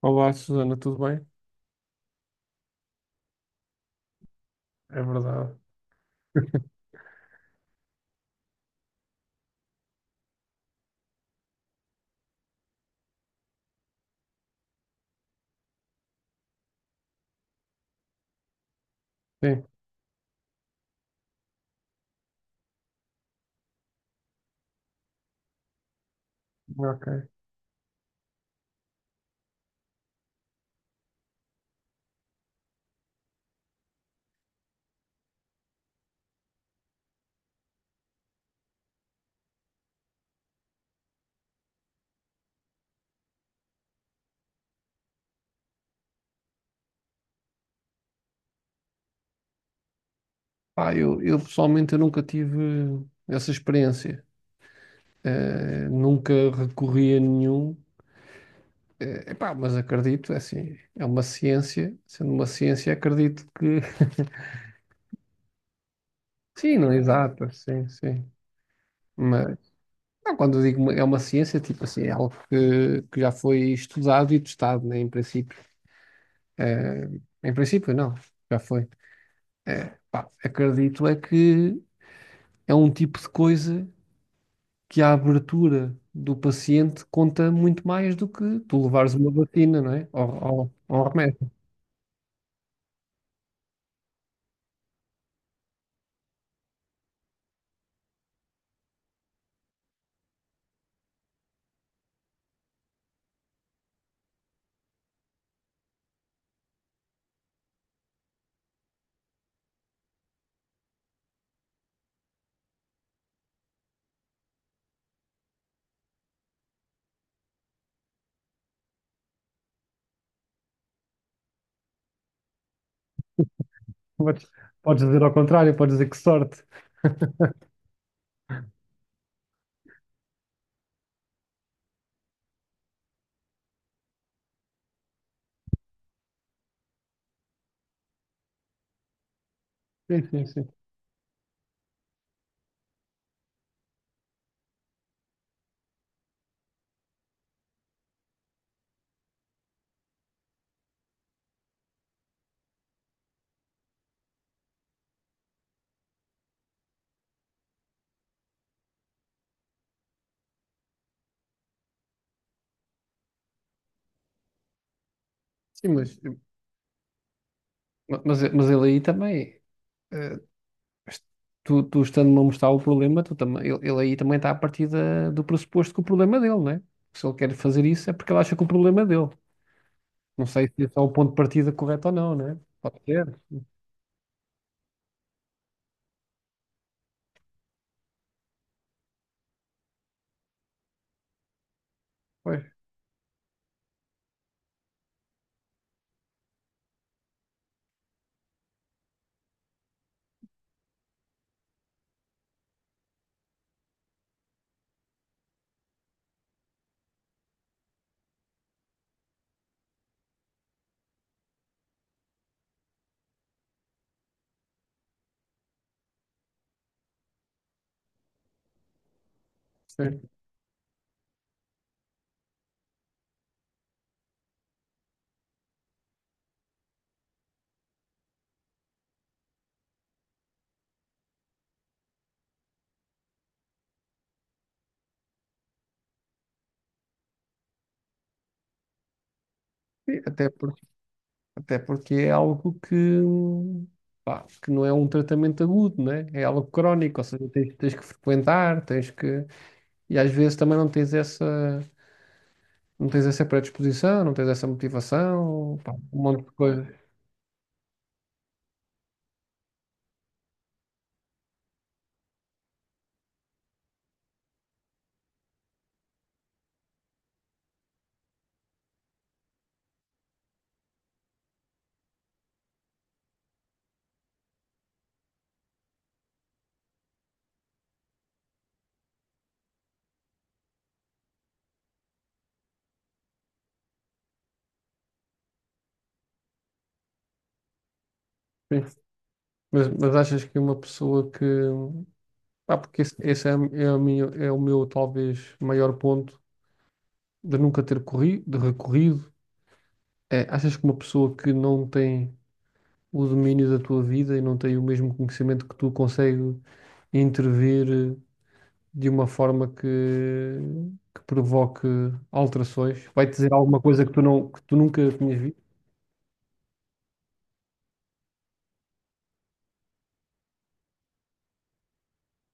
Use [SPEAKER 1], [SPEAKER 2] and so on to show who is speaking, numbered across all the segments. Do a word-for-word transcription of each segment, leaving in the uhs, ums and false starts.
[SPEAKER 1] Olá, Susana, tudo bem? É verdade. Sim, ok. Ah, eu, eu pessoalmente eu nunca tive essa experiência. Eh, nunca recorri a nenhum. Eh, epá, mas acredito, é assim, é uma ciência. Sendo uma ciência, acredito que. Sim, não é exato, sim, sim. Mas não, quando eu digo uma- é uma ciência, tipo assim, é algo que, que já foi estudado e testado, né, em princípio. Eh, em princípio, não, já foi. Eh, pá, acredito é que é um tipo de coisa, que a abertura do paciente conta muito mais do que tu levares uma vacina, não é? Ou, ou, ou um remédio. Podes, podes dizer ao contrário, podes dizer que sorte. Sim, sim, sim. Sim, mas, mas, mas ele aí também, eh, tu, tu estando-me a mostrar o problema, tu também, ele, ele aí também está a partir da- do pressuposto que o problema é dele, não é? Se ele quer fazer isso é porque ele acha que o problema é dele. Não sei se esse é o ponto de partida correto ou não, não é? Pode ser, pois. Sim. Sim, até porque até porque é algo que, pá, que não é um tratamento agudo, né? É algo crónico, ou seja, tens, tens que frequentar, tens que. E às vezes também não tens essa, não tens essa predisposição, não tens essa motivação, pá, um monte de coisas. Sim. Mas, mas achas que uma pessoa que. Pá, porque esse, esse é, é, a minha, é o meu talvez maior ponto de nunca ter corrido, de recorrido. É, achas que uma pessoa que não tem o domínio da tua vida e não tem o mesmo conhecimento que tu consegue intervir eh, de uma forma que, que provoque alterações. Vai-te dizer alguma coisa que tu, não, que tu nunca tinhas visto?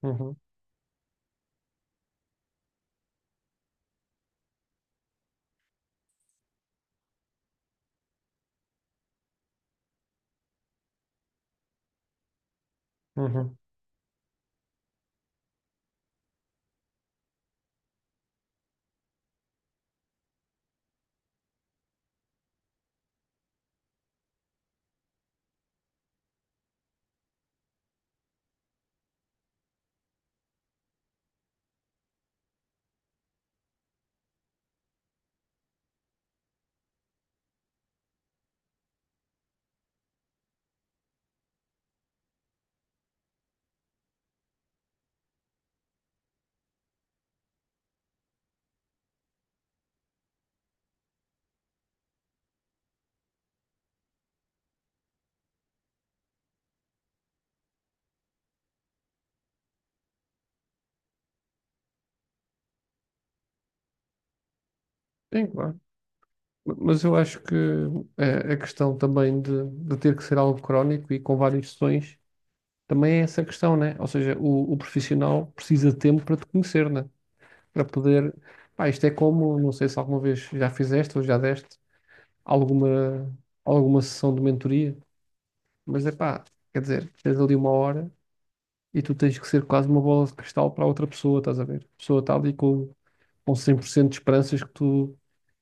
[SPEAKER 1] Uhum, uhum. Sim, claro. Ma- Mas eu acho que eh, a questão também de, de ter que ser algo crónico e com várias sessões também é essa questão, né? Ou seja, o, o profissional precisa de tempo para te conhecer, né? Para poder. Pá, isto é como, não sei se alguma vez já fizeste ou já deste alguma, alguma sessão de mentoria, mas é pá, quer dizer, tens ali uma hora e tu tens que ser quase uma bola de cristal para a outra pessoa, estás a ver? A pessoa está ali com, com cem por cento de esperanças que tu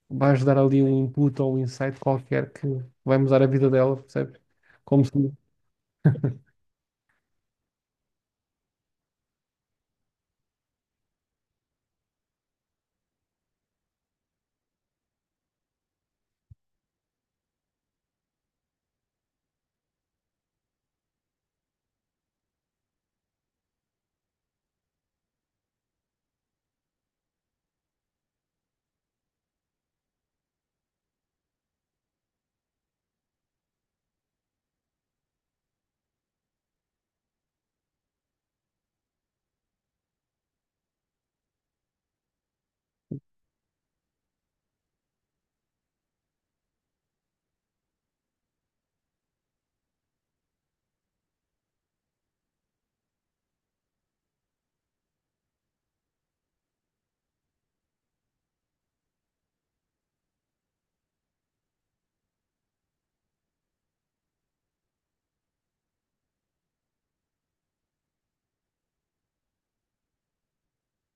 [SPEAKER 1] vais dar ali um input ou um insight qualquer que vai mudar a vida dela, percebes? Como se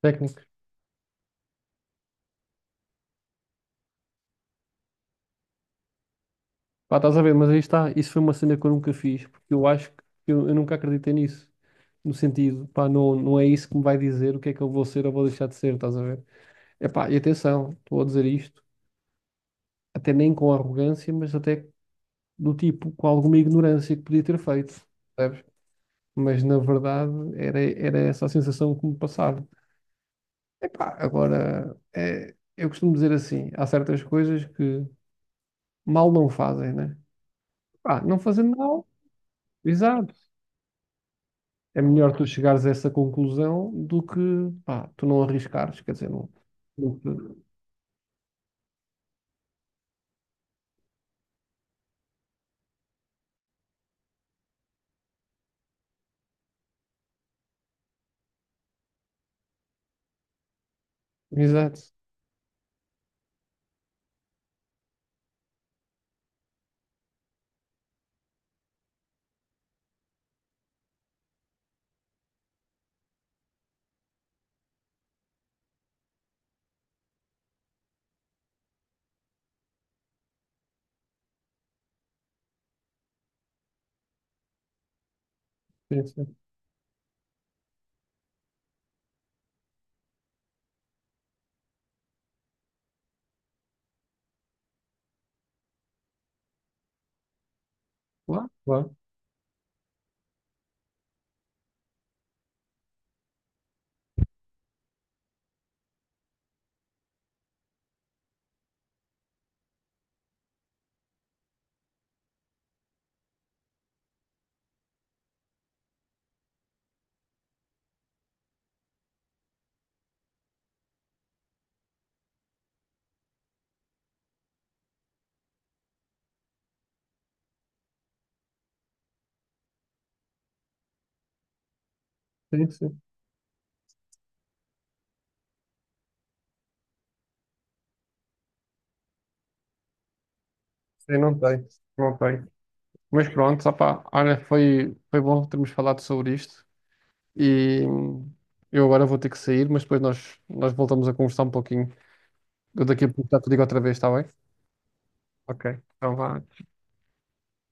[SPEAKER 1] técnicos. Pá, estás a ver, mas aí está, isso foi uma cena que eu nunca fiz, porque eu acho que eu, eu nunca acreditei nisso. No sentido, pá, não, não é isso que me vai dizer o que é que eu vou ser ou vou deixar de ser, estás a ver? Epá, e atenção, estou a dizer isto até nem com arrogância, mas até do tipo com alguma ignorância que podia ter feito, percebes? Mas na verdade era, era essa a sensação que me passava. Epá, agora é, eu costumo dizer assim: há certas coisas que mal não fazem, né? Pá, não fazendo mal, exato. É melhor tu chegares a essa conclusão do que pá, tu não arriscares, quer dizer, não. Não. Exato, sim, sim. Claro, claro, sim, sim. Sim, não tem, não tem. Mas pronto, opá, olha, foi, foi bom termos falado sobre isto e eu agora vou ter que sair, mas depois nós, nós voltamos a conversar um pouquinho. Eu daqui a pouco já te digo outra vez, está bem? Ok, então vá.